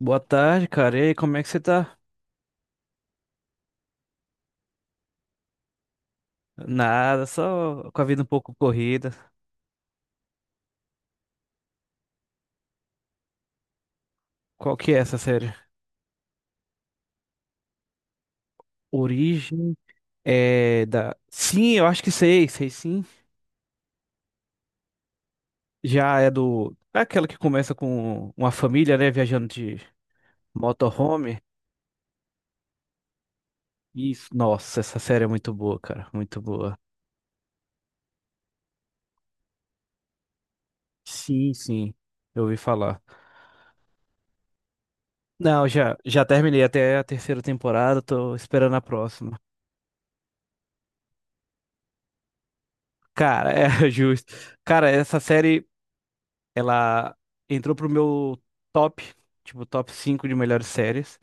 Boa tarde, cara. E aí, como é que você tá? Nada, só com a vida um pouco corrida. Qual que é essa série? Origem é da. Sim, eu acho que sei, sei sim. Já é do. É aquela que começa com uma família, né, viajando de motorhome. Isso. Nossa, essa série é muito boa, cara. Muito boa. Sim. Eu ouvi falar. Não, já terminei até a terceira temporada, tô esperando a próxima. Cara, é justo. Cara, essa série. Ela entrou pro meu top, tipo, top 5 de melhores séries,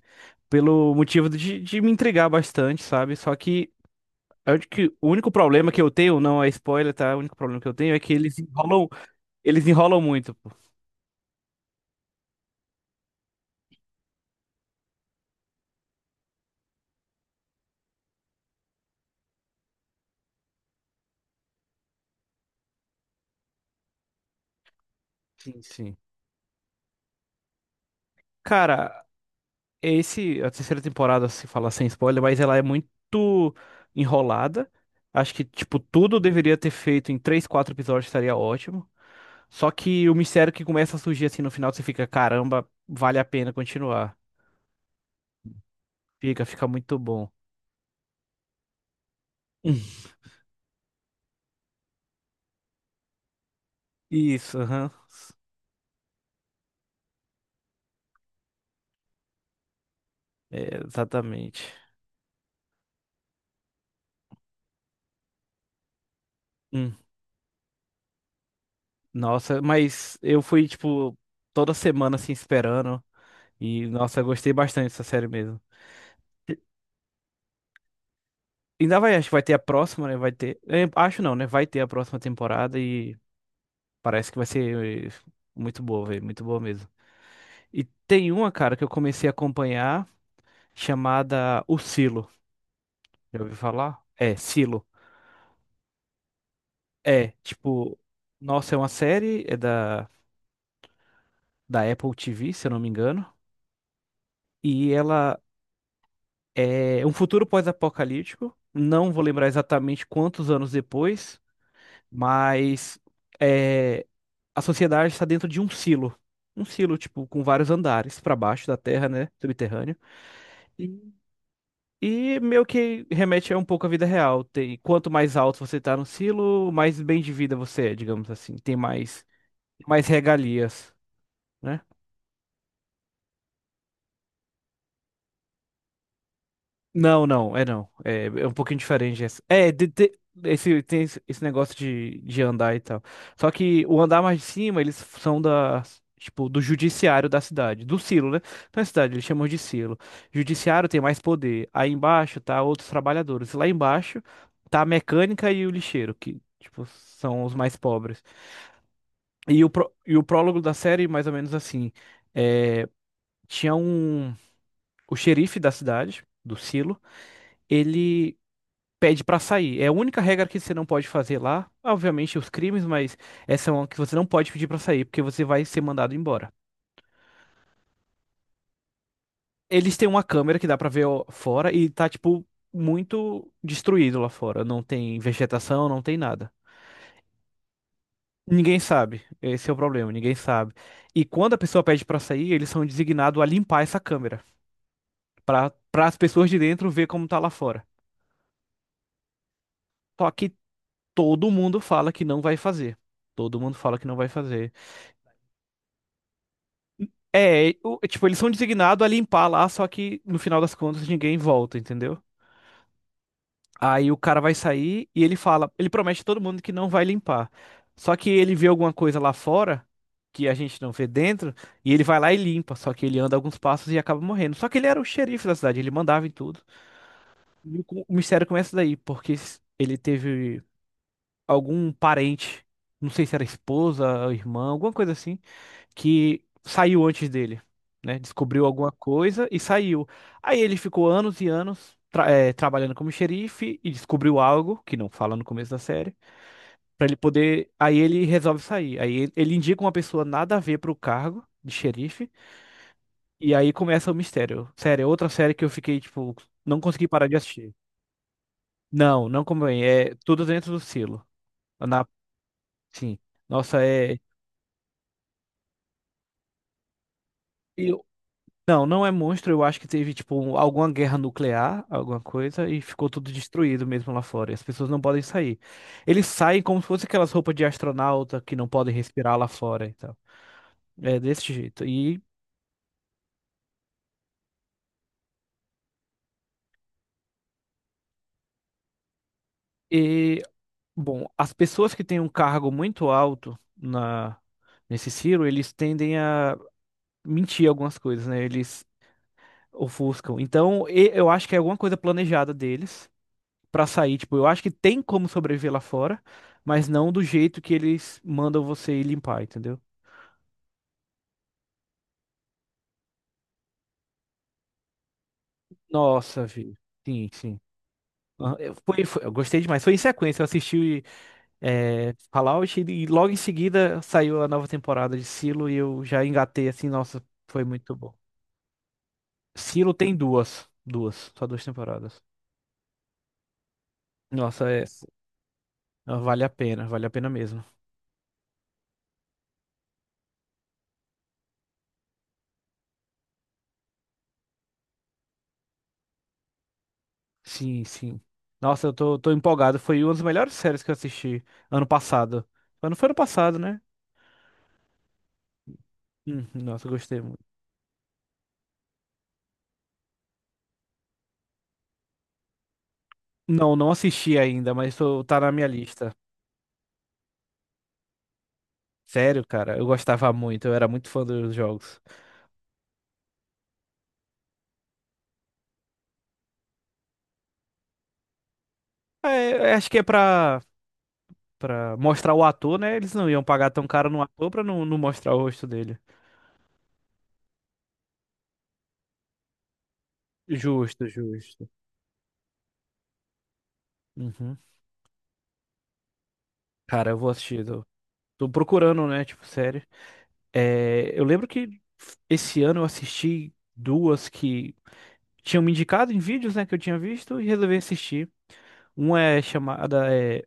pelo motivo de me entregar bastante, sabe? Só que eu acho que o único problema que eu tenho, não é spoiler, tá? O único problema que eu tenho é que eles enrolam muito, pô. Sim, sim. Cara, esse, a terceira temporada, se falar sem spoiler, mas ela é muito enrolada. Acho que, tipo, tudo deveria ter feito em três, quatro episódios, estaria ótimo. Só que o mistério que começa a surgir assim no final, você fica, caramba, vale a pena continuar. Fica, fica muito bom. Hum. Isso, aham. É, exatamente. Hum. Nossa, mas eu fui, tipo, toda semana assim esperando. E, nossa, eu gostei bastante dessa série mesmo. Ainda vai, acho que vai ter a próxima, né? Vai ter. É, acho não, né? Vai ter a próxima temporada e parece que vai ser muito boa, velho. Muito boa mesmo. E tem uma, cara, que eu comecei a acompanhar chamada O Silo. Já ouviu falar? É, Silo. É, tipo, nossa, é uma série, é da, da Apple TV, se eu não me engano. E ela é um futuro pós-apocalíptico. Não vou lembrar exatamente quantos anos depois, mas. eh, a sociedade está dentro de um silo. Um silo, tipo, com vários andares para baixo da terra, né? Subterrâneo. E, e meio que remete a um pouco à vida real. Tem, quanto mais alto você tá no silo, mais bem de vida você é, digamos assim. Tem mais, mais regalias, né? Não, não, é não. É, é um pouquinho diferente essa. É, esse, tem esse negócio de andar e tal. Só que o andar mais de cima, eles são da, tipo, do judiciário da cidade, do silo, né? Não é cidade, eles chamam de silo. Judiciário tem mais poder. Aí embaixo tá outros trabalhadores. Lá embaixo tá a mecânica e o lixeiro, que, tipo, são os mais pobres. E o prólogo da série, mais ou menos assim, é, tinha um, o xerife da cidade, do silo, ele pede pra sair. É a única regra que você não pode fazer lá. Obviamente os crimes, mas essa é uma que você não pode pedir pra sair, porque você vai ser mandado embora. Eles têm uma câmera que dá pra ver ó, fora e tá tipo muito destruído lá fora. Não tem vegetação, não tem nada. Ninguém sabe. Esse é o problema, ninguém sabe. E quando a pessoa pede pra sair, eles são designados a limpar essa câmera pra para as pessoas de dentro ver como tá lá fora. Só que todo mundo fala que não vai fazer. Todo mundo fala que não vai fazer. É, o- tipo, eles são designados a limpar lá, só que no final das contas ninguém volta, entendeu? Aí o cara vai sair e ele fala, ele promete a todo mundo que não vai limpar. Só que ele vê alguma coisa lá fora que a gente não vê dentro e ele vai lá e limpa, só que ele anda alguns passos e acaba morrendo. Só que ele era o xerife da cidade, ele mandava em tudo. E o co- o mistério começa daí, porque s- ele teve algum parente, não sei se era esposa, irmã, alguma coisa assim que saiu antes dele, né? Descobriu alguma coisa e saiu. Aí ele ficou anos e anos trabalhando como xerife e descobriu algo que não fala no começo da série, pra ele poder. Aí ele resolve sair. Aí ele indica uma pessoa nada a ver pro cargo de xerife e aí começa o mistério. Sério, é outra série que eu fiquei tipo, não consegui parar de assistir. Não, não como é, é tudo dentro do silo. Na, sim. Nossa, é. Não, não é monstro. Eu acho que teve, tipo, um, alguma guerra nuclear, alguma coisa, e ficou tudo destruído mesmo lá fora. E as pessoas não podem sair. Eles saem como se fosse aquelas roupas de astronauta que não podem respirar lá fora e tal. É desse jeito. E bom, as pessoas que têm um cargo muito alto na, nesse Ciro, eles tendem a mentir algumas coisas, né? Eles ofuscam. Então, e- eu acho que é alguma coisa planejada deles. Pra sair. Tipo, eu acho que tem como sobreviver lá fora, mas não do jeito que eles mandam você ir limpar, entendeu? Nossa, vi. Sim, sim. Ah, foi, eu gostei demais. Foi em sequência. Eu assisti Fallout e logo em seguida saiu a nova temporada de Silo e eu já engatei assim. Nossa, foi muito bom. Silo tem duas. Duas. Só duas temporadas. Nossa, é, vale a pena. Vale a pena mesmo. Sim, sim. Nossa, eu tô, tô empolgado. Foi uma das melhores séries que eu assisti ano passado. Mas não foi ano passado, né? Nossa, eu gostei muito. Não, não assisti ainda, mas tô, tá na minha lista. Sério, cara, eu gostava muito, eu era muito fã dos jogos. É, eu acho que é pra, pra mostrar o ator, né? Eles não iam pagar tão caro no ator pra não, não mostrar o rosto dele. Justo, justo. Uhum. Cara, eu vou assistir. Tô, tô procurando, né? Tipo, série. É, eu lembro que esse ano eu assisti duas que. Tinham me indicado em vídeos, né, que eu tinha visto e resolvi assistir. Uma é chamada, é,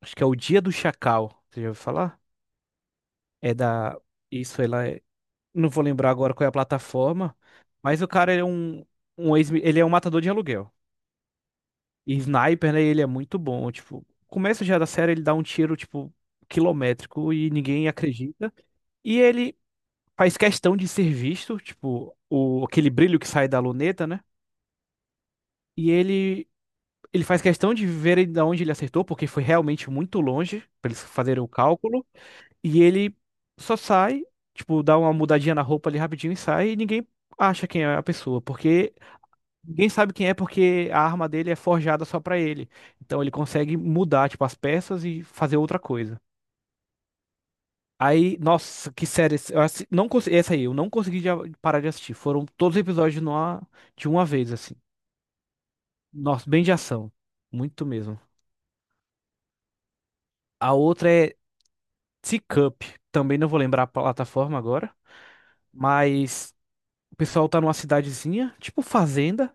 acho que é O Dia do Chacal. Você já ouviu falar? É da. Isso, ela é. Não vou lembrar agora qual é a plataforma, mas o cara ele é um, um ex, ele é um matador de aluguel. E sniper, né, ele é muito bom. Tipo, começo já da série, ele dá um tiro, tipo, quilométrico e ninguém acredita. E ele faz questão de ser visto, tipo, o, aquele brilho que sai da luneta, né? E ele Ele faz questão de ver de onde ele acertou, porque foi realmente muito longe para eles fazerem o cálculo. E ele só sai, tipo, dá uma mudadinha na roupa ali rapidinho e sai, e ninguém acha quem é a pessoa, porque ninguém sabe quem é, porque a arma dele é forjada só pra ele. Então ele consegue mudar, tipo, as peças e fazer outra coisa. Aí, nossa, que série. Não consegui, essa aí, eu não consegui parar de assistir. Foram todos os episódios numa, de uma vez, assim. Nossa, bem de ação. Muito mesmo. A outra é Teacup, também não vou lembrar a plataforma agora, mas o pessoal tá numa cidadezinha, tipo fazenda,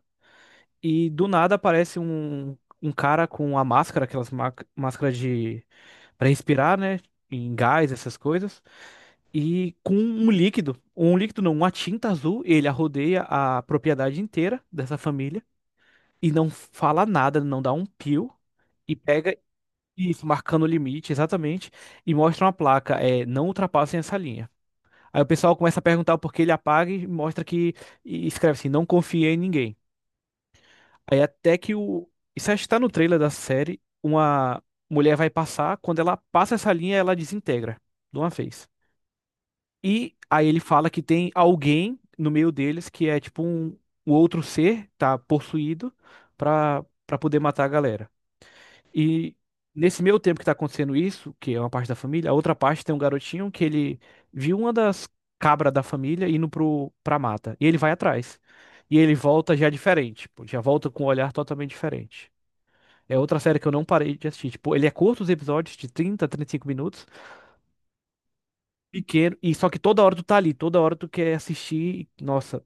e do nada aparece um, um cara com a máscara, aquelas máscaras de para respirar, né? Em gás, essas coisas, e com um líquido não, uma tinta azul, ele arrodeia a propriedade inteira dessa família e não fala nada, não dá um pio, e pega isso, marcando o limite, exatamente, e mostra uma placa, é, não ultrapassem essa linha. Aí o pessoal começa a perguntar o porquê ele apaga e mostra que. E escreve assim: não confiei em ninguém. Aí até que o. Isso acho que tá no trailer da série. Uma mulher vai passar, quando ela passa essa linha, ela desintegra de uma vez. E aí ele fala que tem alguém no meio deles que é tipo um, um outro ser, tá possuído, pra, pra poder matar a galera. E nesse meio tempo que tá acontecendo isso, que é uma parte da família, a outra parte tem um garotinho que ele viu uma das cabras da família indo pro, pra mata. E ele vai atrás. E ele volta já diferente, pô, já volta com um olhar totalmente diferente. É outra série que eu não parei de assistir. Tipo, ele é curto os episódios, de 30, 35 minutos, pequeno, e só que toda hora tu tá ali, toda hora tu quer assistir. E, nossa,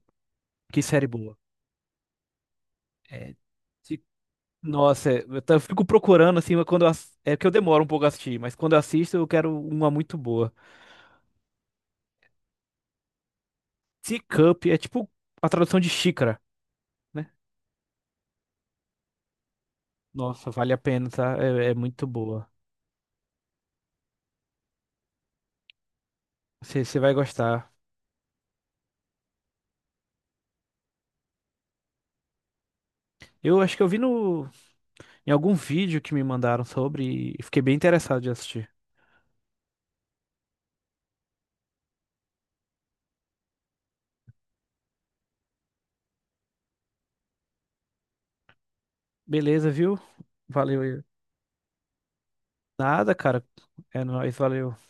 que série boa. É, se- nossa, é, eu, tô- eu fico procurando assim, mas quando eu, ass- é que eu demoro um pouco a assistir, mas quando eu assisto eu quero uma muito boa. Tea é tipo a tradução de xícara, né? Nossa, vale a pena, tá? É, é muito boa. Você vai gostar. Eu acho que eu vi no, em algum vídeo que me mandaram sobre e fiquei bem interessado de assistir. Beleza, viu? Valeu aí. Nada, cara. É nóis, valeu.